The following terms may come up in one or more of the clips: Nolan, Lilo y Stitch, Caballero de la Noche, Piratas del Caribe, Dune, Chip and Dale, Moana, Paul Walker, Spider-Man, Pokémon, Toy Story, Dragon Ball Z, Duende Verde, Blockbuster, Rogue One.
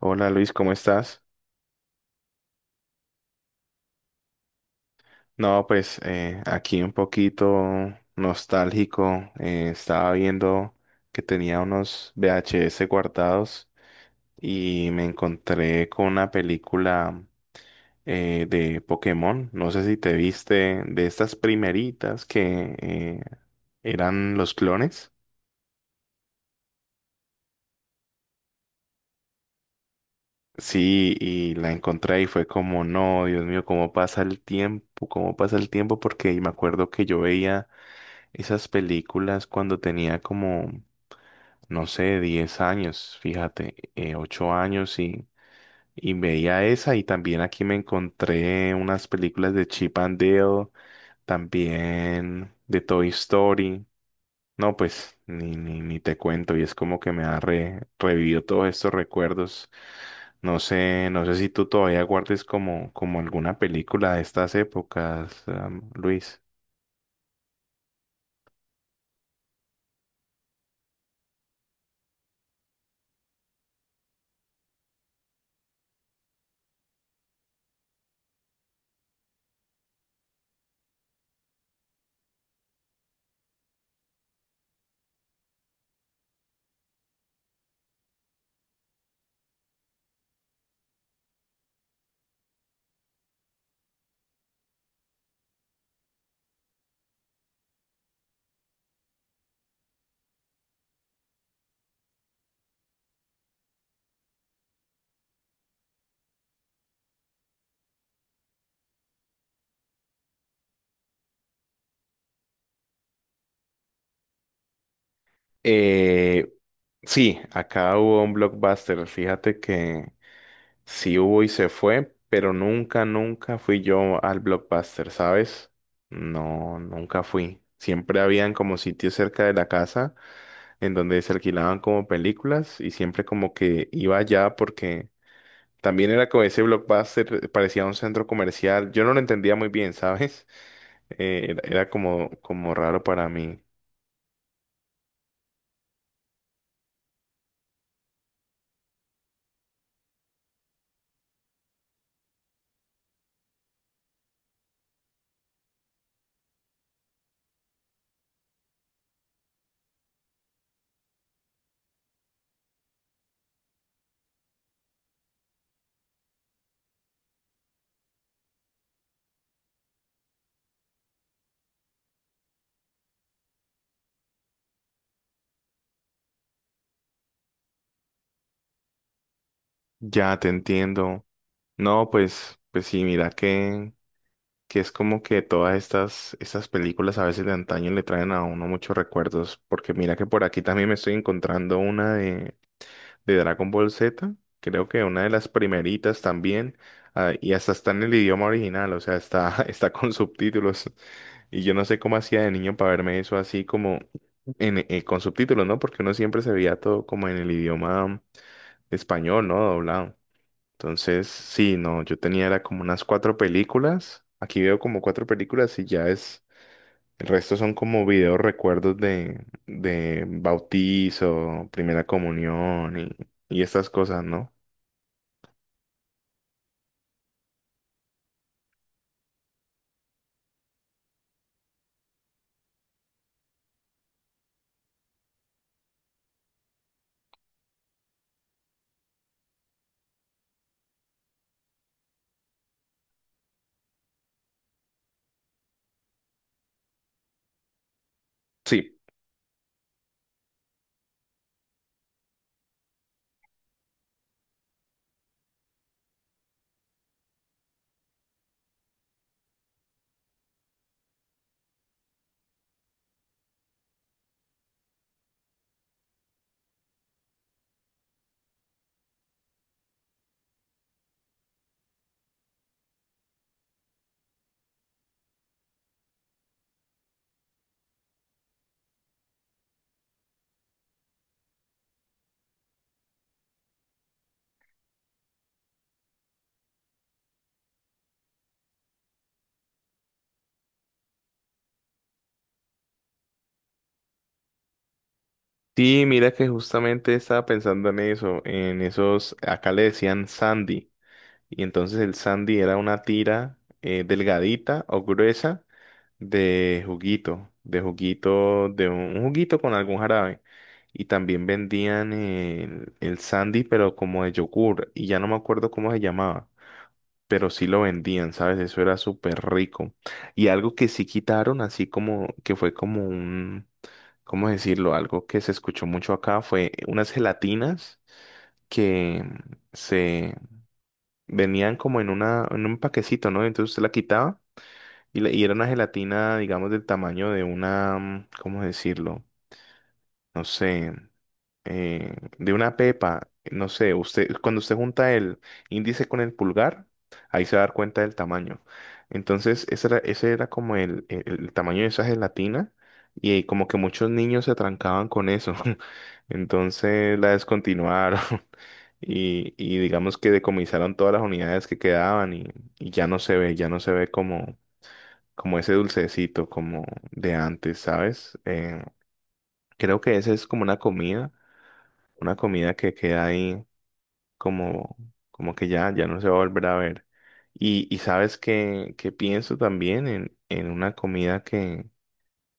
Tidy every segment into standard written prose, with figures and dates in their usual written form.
Hola Luis, ¿cómo estás? No, pues aquí un poquito nostálgico. Estaba viendo que tenía unos VHS guardados y me encontré con una película de Pokémon. No sé si te viste de estas primeritas que eran los clones. Sí, y la encontré y fue como, no, Dios mío, cómo pasa el tiempo, cómo pasa el tiempo, porque me acuerdo que yo veía esas películas cuando tenía como, no sé, 10 años, fíjate, 8 años y veía esa y también aquí me encontré unas películas de Chip and Dale, también de Toy Story. No, pues ni te cuento, y es como que me ha revivido todos estos recuerdos. No sé si tú todavía guardes como, como alguna película de estas épocas, Luis. Eh, Sí, acá hubo un Blockbuster. Fíjate que sí hubo y se fue, pero nunca, nunca fui yo al Blockbuster, ¿sabes? No, nunca fui. Siempre habían como sitios cerca de la casa en donde se alquilaban como películas y siempre como que iba allá porque también era como ese Blockbuster, parecía un centro comercial. Yo no lo entendía muy bien, ¿sabes? Era como, como raro para mí. Ya te entiendo. No, pues, pues sí, mira que. Que es como que todas estas películas a veces de antaño le traen a uno muchos recuerdos, porque mira que por aquí también me estoy encontrando una de Dragon Ball Z, creo que una de las primeritas también, ah, y hasta está en el idioma original, o sea, está, está con subtítulos, y yo no sé cómo hacía de niño para verme eso así como en, con subtítulos, ¿no? Porque uno siempre se veía todo como en el idioma español, ¿no? Doblado. Entonces, sí, no, yo tenía era como unas 4 películas. Aquí veo como 4 películas y ya es, el resto son como videos recuerdos de bautizo, primera comunión y estas cosas, ¿no? Sí. Sí, mira que justamente estaba pensando en eso, en esos, acá le decían Sandy. Y entonces el sandy era una tira delgadita o gruesa de juguito, de juguito, de un juguito con algún jarabe. Y también vendían el sandy, pero como de yogur. Y ya no me acuerdo cómo se llamaba. Pero sí lo vendían, ¿sabes? Eso era súper rico. Y algo que sí quitaron, así como que fue como un, ¿cómo decirlo? Algo que se escuchó mucho acá fue unas gelatinas que se venían como en una, en un paquecito, ¿no? Entonces usted la quitaba y, y era una gelatina, digamos, del tamaño de una, ¿cómo decirlo? No sé, de una pepa. No sé, usted, cuando usted junta el índice con el pulgar, ahí se va a dar cuenta del tamaño. Entonces, ese era como el, el tamaño de esa gelatina y como que muchos niños se trancaban con eso. Entonces la descontinuaron y digamos que decomisaron todas las unidades que quedaban y ya no se ve, ya no se ve como, como ese dulcecito como de antes, ¿sabes? Creo que esa es como una comida que queda ahí como, como que ya, ya no se va a volver a ver. Y sabes que pienso también en una comida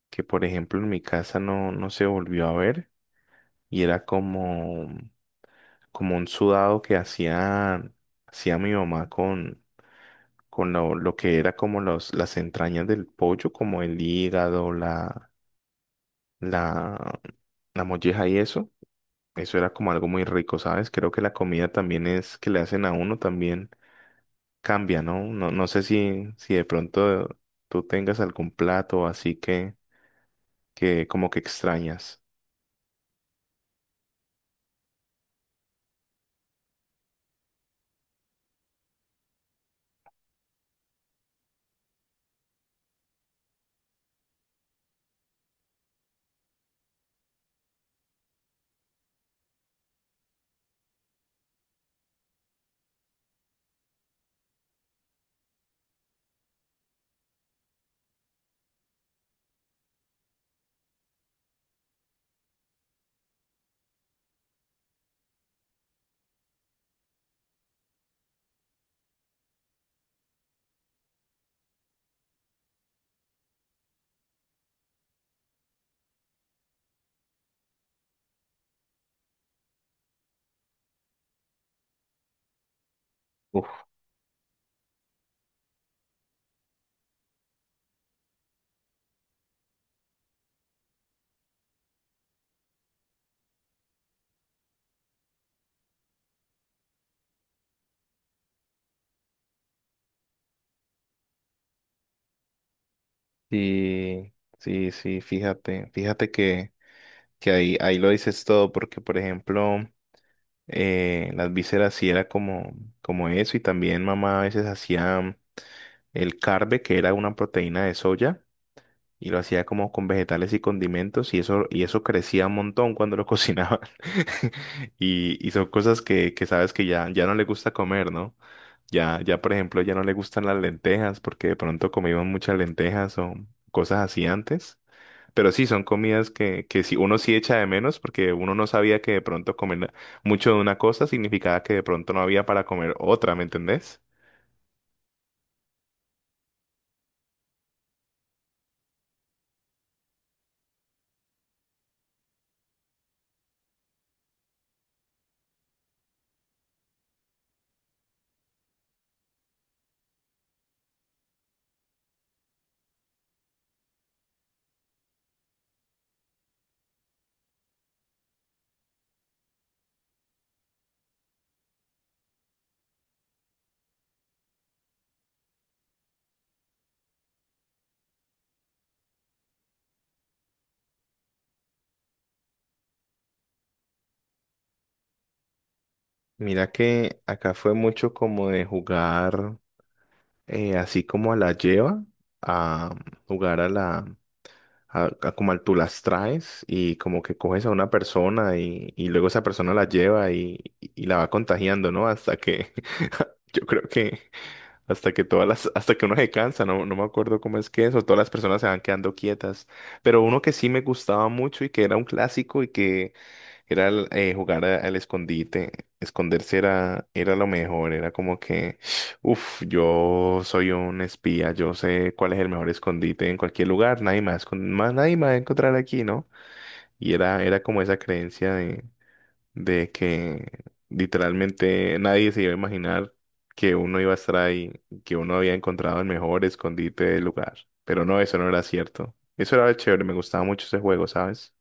que, por ejemplo, en mi casa no, no se volvió a ver y era como, como un sudado que hacía mi mamá con, lo que era como los, las entrañas del pollo, como el hígado, la, la molleja y eso. Eso era como algo muy rico, ¿sabes? Creo que la comida también es que le hacen a uno también cambia, ¿no? No, no sé si de pronto tú tengas algún plato así que como que extrañas. Uf. Sí, sí, sí, fíjate, fíjate que ahí, ahí lo dices todo, porque por ejemplo, las vísceras sí era como, como eso, y también mamá a veces hacía el carbe, que era una proteína de soya, y lo hacía como con vegetales y condimentos y eso crecía un montón cuando lo cocinaban y son cosas que sabes que ya, ya no le gusta comer, ¿no? Ya, ya por ejemplo ya no le gustan las lentejas porque de pronto comíamos muchas lentejas o cosas así antes, pero sí, son comidas que sí, uno sí echa de menos porque uno no sabía que de pronto comer mucho de una cosa significaba que de pronto no había para comer otra, ¿me entendés? Mira que acá fue mucho como de jugar así como a la lleva, a jugar a a como al tú las traes, y como que coges a una persona y luego esa persona la lleva y la va contagiando, ¿no? Hasta que yo creo que hasta que hasta que uno se cansa, no, no me acuerdo cómo es que eso, todas las personas se van quedando quietas. Pero uno que sí me gustaba mucho y que era un clásico y que era el, jugar al escondite, esconderse era lo mejor, era como que, uff, yo soy un espía, yo sé cuál es el mejor escondite en cualquier lugar, nadie más, más nadie me va a encontrar aquí, ¿no? Y era como esa creencia de que literalmente nadie se iba a imaginar que uno iba a estar ahí, que uno había encontrado el mejor escondite del lugar. Pero no, eso no era cierto. Eso era chévere, me gustaba mucho ese juego, ¿sabes?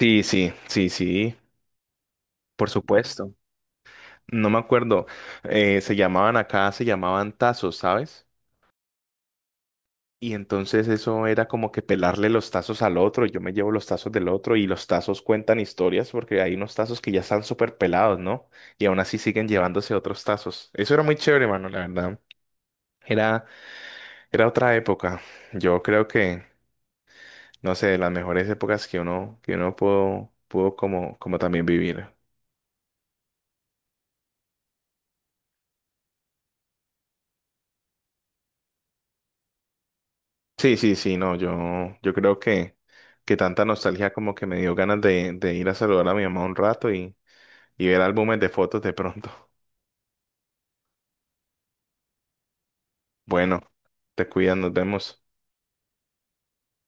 Sí, sí, sí, sí, por supuesto. No me acuerdo, se llamaban acá, se llamaban tazos, ¿sabes? Y entonces eso era como que pelarle los tazos al otro, yo me llevo los tazos del otro, y los tazos cuentan historias porque hay unos tazos que ya están súper pelados, ¿no? Y aún así siguen llevándose otros tazos. Eso era muy chévere, mano, la verdad. Era, era otra época. Yo creo que, no sé, de las mejores épocas que uno pudo, pudo como, como también vivir. Sí, sí, sí, no, yo creo que tanta nostalgia como que me dio ganas de ir a saludar a mi mamá un rato y ver álbumes de fotos de pronto. Bueno, te cuidas, nos vemos.